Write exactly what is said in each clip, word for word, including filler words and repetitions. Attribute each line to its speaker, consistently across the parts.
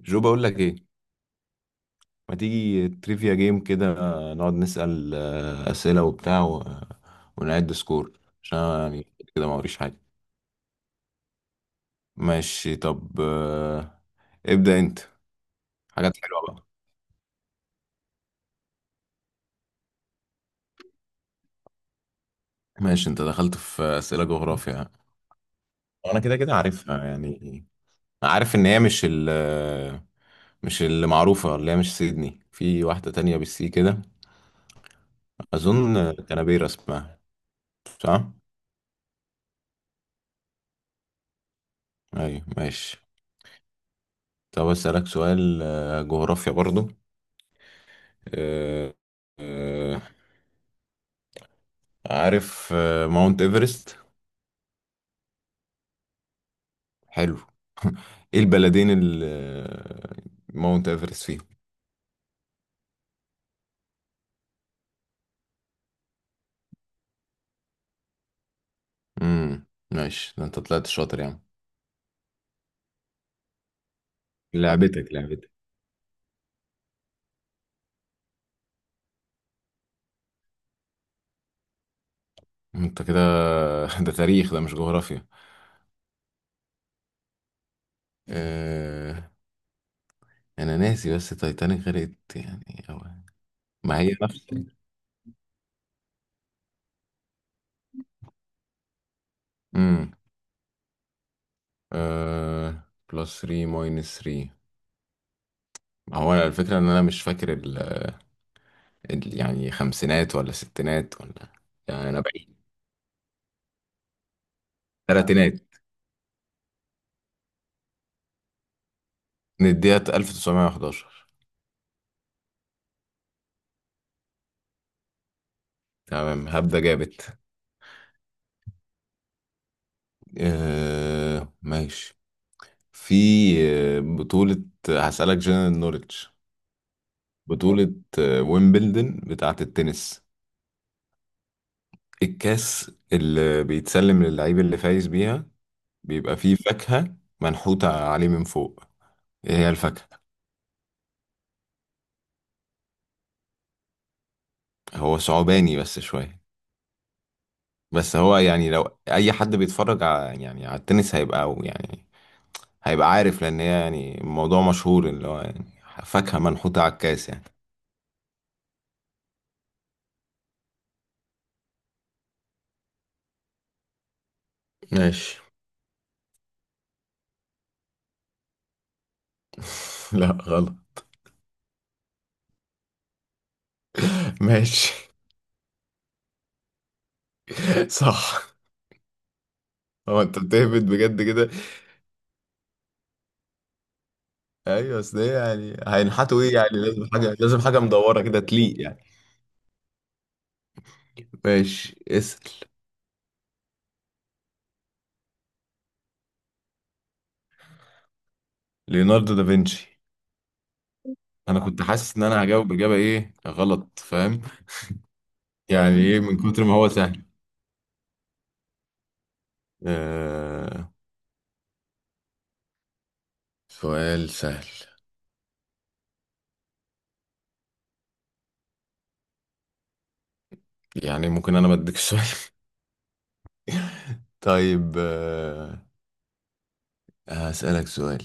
Speaker 1: جو، بقول لك ايه؟ ما تيجي تريفيا جيم كده؟ آه، نقعد نسأل آه، أسئلة وبتاع و... ونعد سكور، عشان أنا يعني كده ما وريش حاجة. ماشي. طب آه، ابدأ انت. حاجات حلوة بقى. ماشي، انت دخلت في أسئلة جغرافيا. وانا كده كده عارفها يعني. عارف ان هي مش ال مش اللي معروفة، اللي هي مش سيدني، في واحدة تانية بالسي كده. أظن كانبيرا اسمها. صح؟ أيوة ماشي. طب أسألك سؤال آه، جغرافيا برضو. آه، آه، عارف آه، ماونت ايفرست؟ حلو. ايه البلدين اللي آه، ماونت ايفرست فيهم؟ امم ماشي، ده انت طلعت شاطر يعني. لعبتك لعبتك. انت كده ده تاريخ، ده مش جغرافيا. آه، انا ناسي، بس تايتانيك غرقت يعني. أو... ما هي نفس. امم آه... بلس تلاتة ماينس تلاتة. هو أنا الفكرة ان انا مش فاكر ال... ال... يعني خمسينات ولا ستينات ولا، يعني انا بعيد. تلاتينات. نديها ألف وتسعمائة وأحد عشر. تمام هبدأ جابت. آه ماشي. في آه، بطولة، هسألك جنرال نوليدج. بطولة آه، ويمبلدن بتاعة التنس، الكاس اللي بيتسلم للعيب اللي فايز بيها بيبقى فيه فاكهة منحوتة عليه من فوق. ايه هي الفاكهة؟ هو صعباني بس شوية. بس هو يعني لو أي حد بيتفرج على، يعني على التنس، هيبقى، أو يعني هيبقى عارف، لان هي يعني الموضوع مشهور، اللي هو يعني فاكهة منحوتة على الكاس يعني. ماشي. لا غلط. ماشي. صح. هو انت بتهبد بجد كده؟ ايوه، اصل ايه يعني هينحتوا ايه؟ يعني لازم حاجه لازم حاجه مدوره كده تليق يعني. ماشي، اسال. ليوناردو دافنشي. انا كنت حاسس ان انا هجاوب اجابه ايه غلط، فاهم. يعني ايه من كتر ما هو سهل؟ آه... سؤال سهل. يعني ممكن انا بديك سؤال. طيب آه... هسألك سؤال.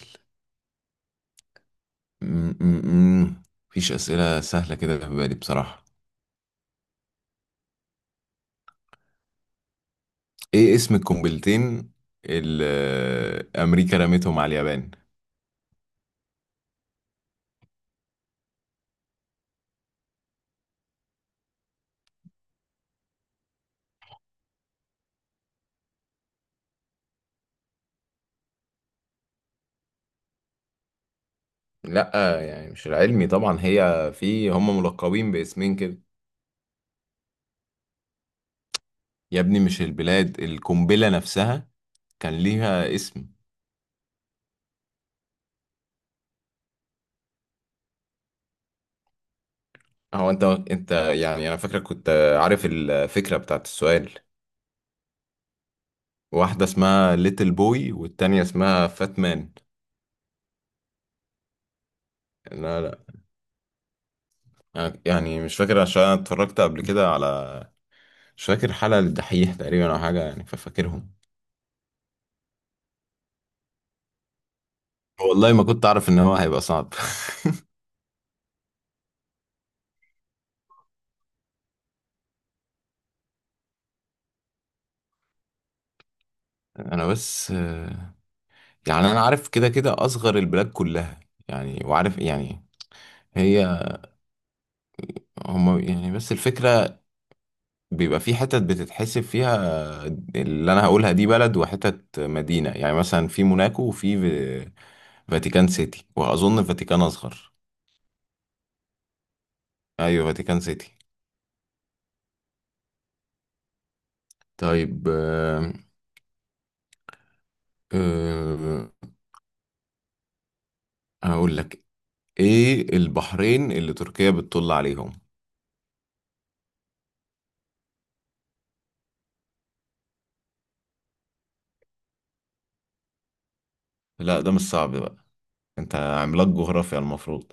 Speaker 1: م- م- م. مفيش أسئلة سهلة كده في بالي بصراحة. إيه اسم القنبلتين اللي أمريكا رمتهم على اليابان؟ لأ يعني مش العلمي طبعا، هي في هم ملقبين باسمين كده. يا ابني مش البلاد، القنبلة نفسها كان ليها اسم. هو أنت أنت يعني أنا فاكرك كنت عارف الفكرة بتاعت السؤال. واحدة اسمها ليتل بوي والتانية اسمها فات مان. لا لا. أنا يعني مش فاكر عشان أنا اتفرجت قبل كده على، مش فاكر، حلقة للدحيح تقريبا أو حاجة يعني، ففاكرهم. والله ما كنت اعرف ان هو هيبقى صعب. انا بس آه، يعني انا عارف كده كده اصغر البلاد كلها يعني، وعارف يعني هي، هم يعني. بس الفكرة بيبقى في حتت بتتحسب فيها، اللي انا هقولها دي بلد وحتت مدينة. يعني مثلا في موناكو وفي في- فاتيكان سيتي، واظن فاتيكان اصغر. ايوه فاتيكان سيتي. طيب آه، آه، هقول لك. ايه البحرين اللي تركيا بتطل عليهم؟ لا ده مش صعب بقى، انت عملاق جغرافيا المفروض.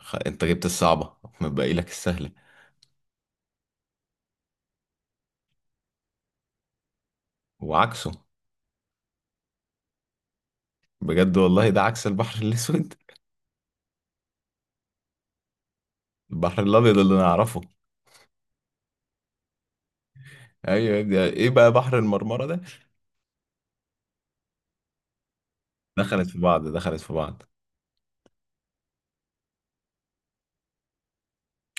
Speaker 1: خ... انت جبت الصعبة، متبقي لك السهلة وعكسه. بجد والله ده عكس البحر الاسود. البحر الابيض اللي نعرفه. ايوه يا ابني، ايه بقى بحر المرمرة ده؟ دخلت في بعض دخلت في بعض.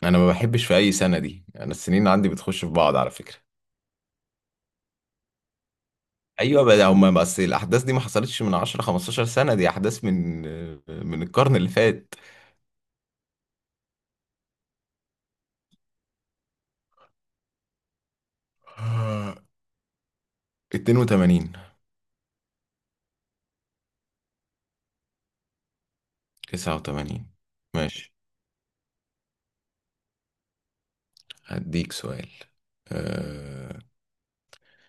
Speaker 1: انا ما بحبش في اي سنة دي، انا السنين عندي بتخش في بعض على فكرة. ايوه بقى، هما بس الاحداث دي ما حصلتش من عشرة خمستاشر سنة، دي احداث من من القرن اللي فات. اتنين وتمانين. تسعة وتمانين. ماشي. هديك سؤال. أه...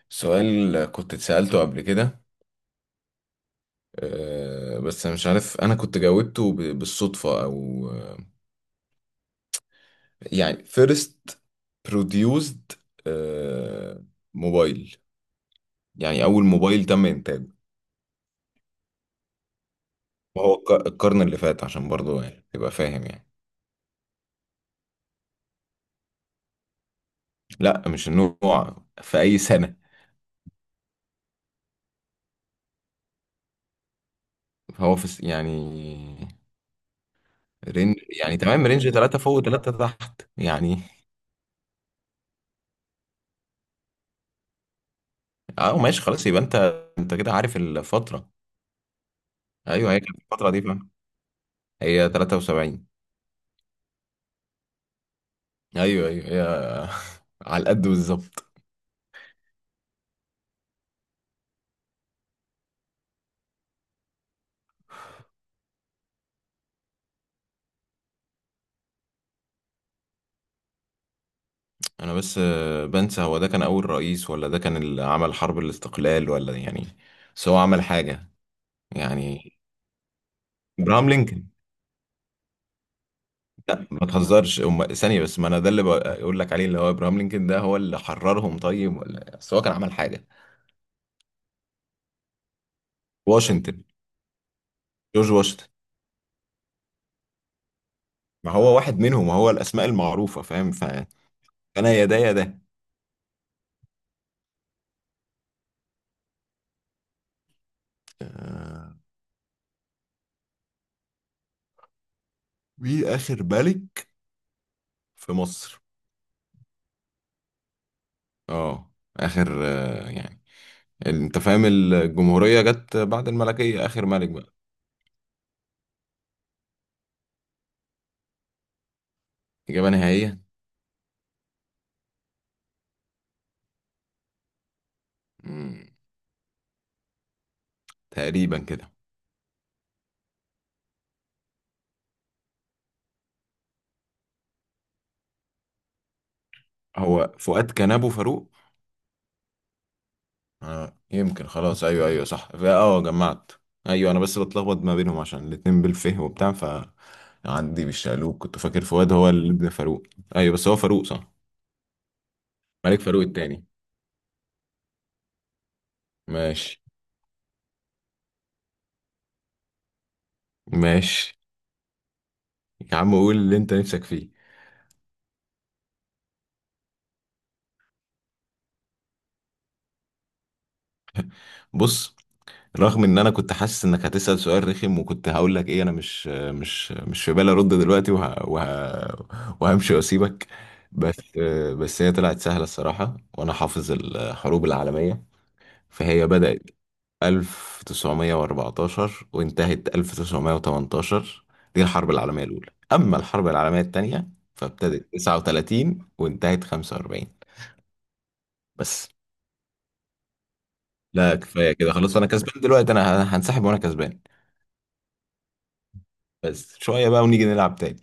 Speaker 1: سؤال كنت اتسألته قبل كده، أه... بس مش عارف أنا كنت جاوبته ب... بالصدفة أو آه، يعني first produced، أه... موبايل. يعني أول موبايل تم إنتاجه، وهو الق- القرن اللي فات، عشان برضه يعني تبقى فاهم يعني. لا مش النوع، في أي سنة. هو في س- يعني رينج، يعني تمام رينج ثلاثة فوق ثلاثة تحت يعني. اه ماشي، خلاص. يبقى انت، انت كده عارف الفترة. ايوه هي كانت الفترة دي، فاهم. هي تلاتة وسبعين. ايوه ايوه، هي على القد بالظبط. انا بس آه، بنسى، هو ده كان اول رئيس، ولا ده كان اللي عمل حرب الاستقلال ولا يعني؟ بس هو عمل حاجة يعني. ابراهام لينكولن. لا ما تهزرش. أم... ثانية بس، ما انا ده اللي بقول لك عليه، اللي هو ابراهام لينكولن، ده هو اللي حررهم طيب، ولا بس هو كان عمل حاجة؟ واشنطن. جورج واشنطن. ما هو واحد منهم، هو الاسماء المعروفة، فاهم، فانا يا ده يا ده. آه، مين آخر ملك في مصر؟ اه، اخر آه، يعني، ال- انت فاهم، الجمهورية جت بعد الملكية، اخر ملك بقى. اجابة نهائية. مم. تقريبا كده. هو فؤاد كان ابو فاروق. آه. يمكن. خلاص ايوه ايوه صح. ف- اه جمعت. ايوه انا بس بتلخبط ما بينهم عشان الاتنين بالفه وبتاع ف عندي بالشقلوب، كنت فاكر فؤاد هو اللي ابن فاروق. ايوه بس هو فاروق صح. ملك فاروق التاني. ماشي. ماشي. يا عم قول اللي انت نفسك فيه. بص، رغم ان انا كنت حاسس انك هتسأل سؤال رخم، وكنت هقول لك ايه انا مش مش مش في بالي ارد دلوقتي، وه... وه... وهمشي واسيبك، بس. بس هي طلعت سهلة الصراحة، وانا حافظ الحروب العالمية. فهي بدأت ألف وتسعمية وأربعتاشر وانتهت ألف وتسعمية وتمنتاشر، دي الحرب العالمية الأولى. أما الحرب العالمية التانية فابتدت تسعة وتلاتين وانتهت خمسة وأربعين. بس. لا كفاية كده خلاص، أنا كسبان دلوقتي، أنا هنسحب وأنا كسبان. بس شوية بقى ونيجي نلعب تاني.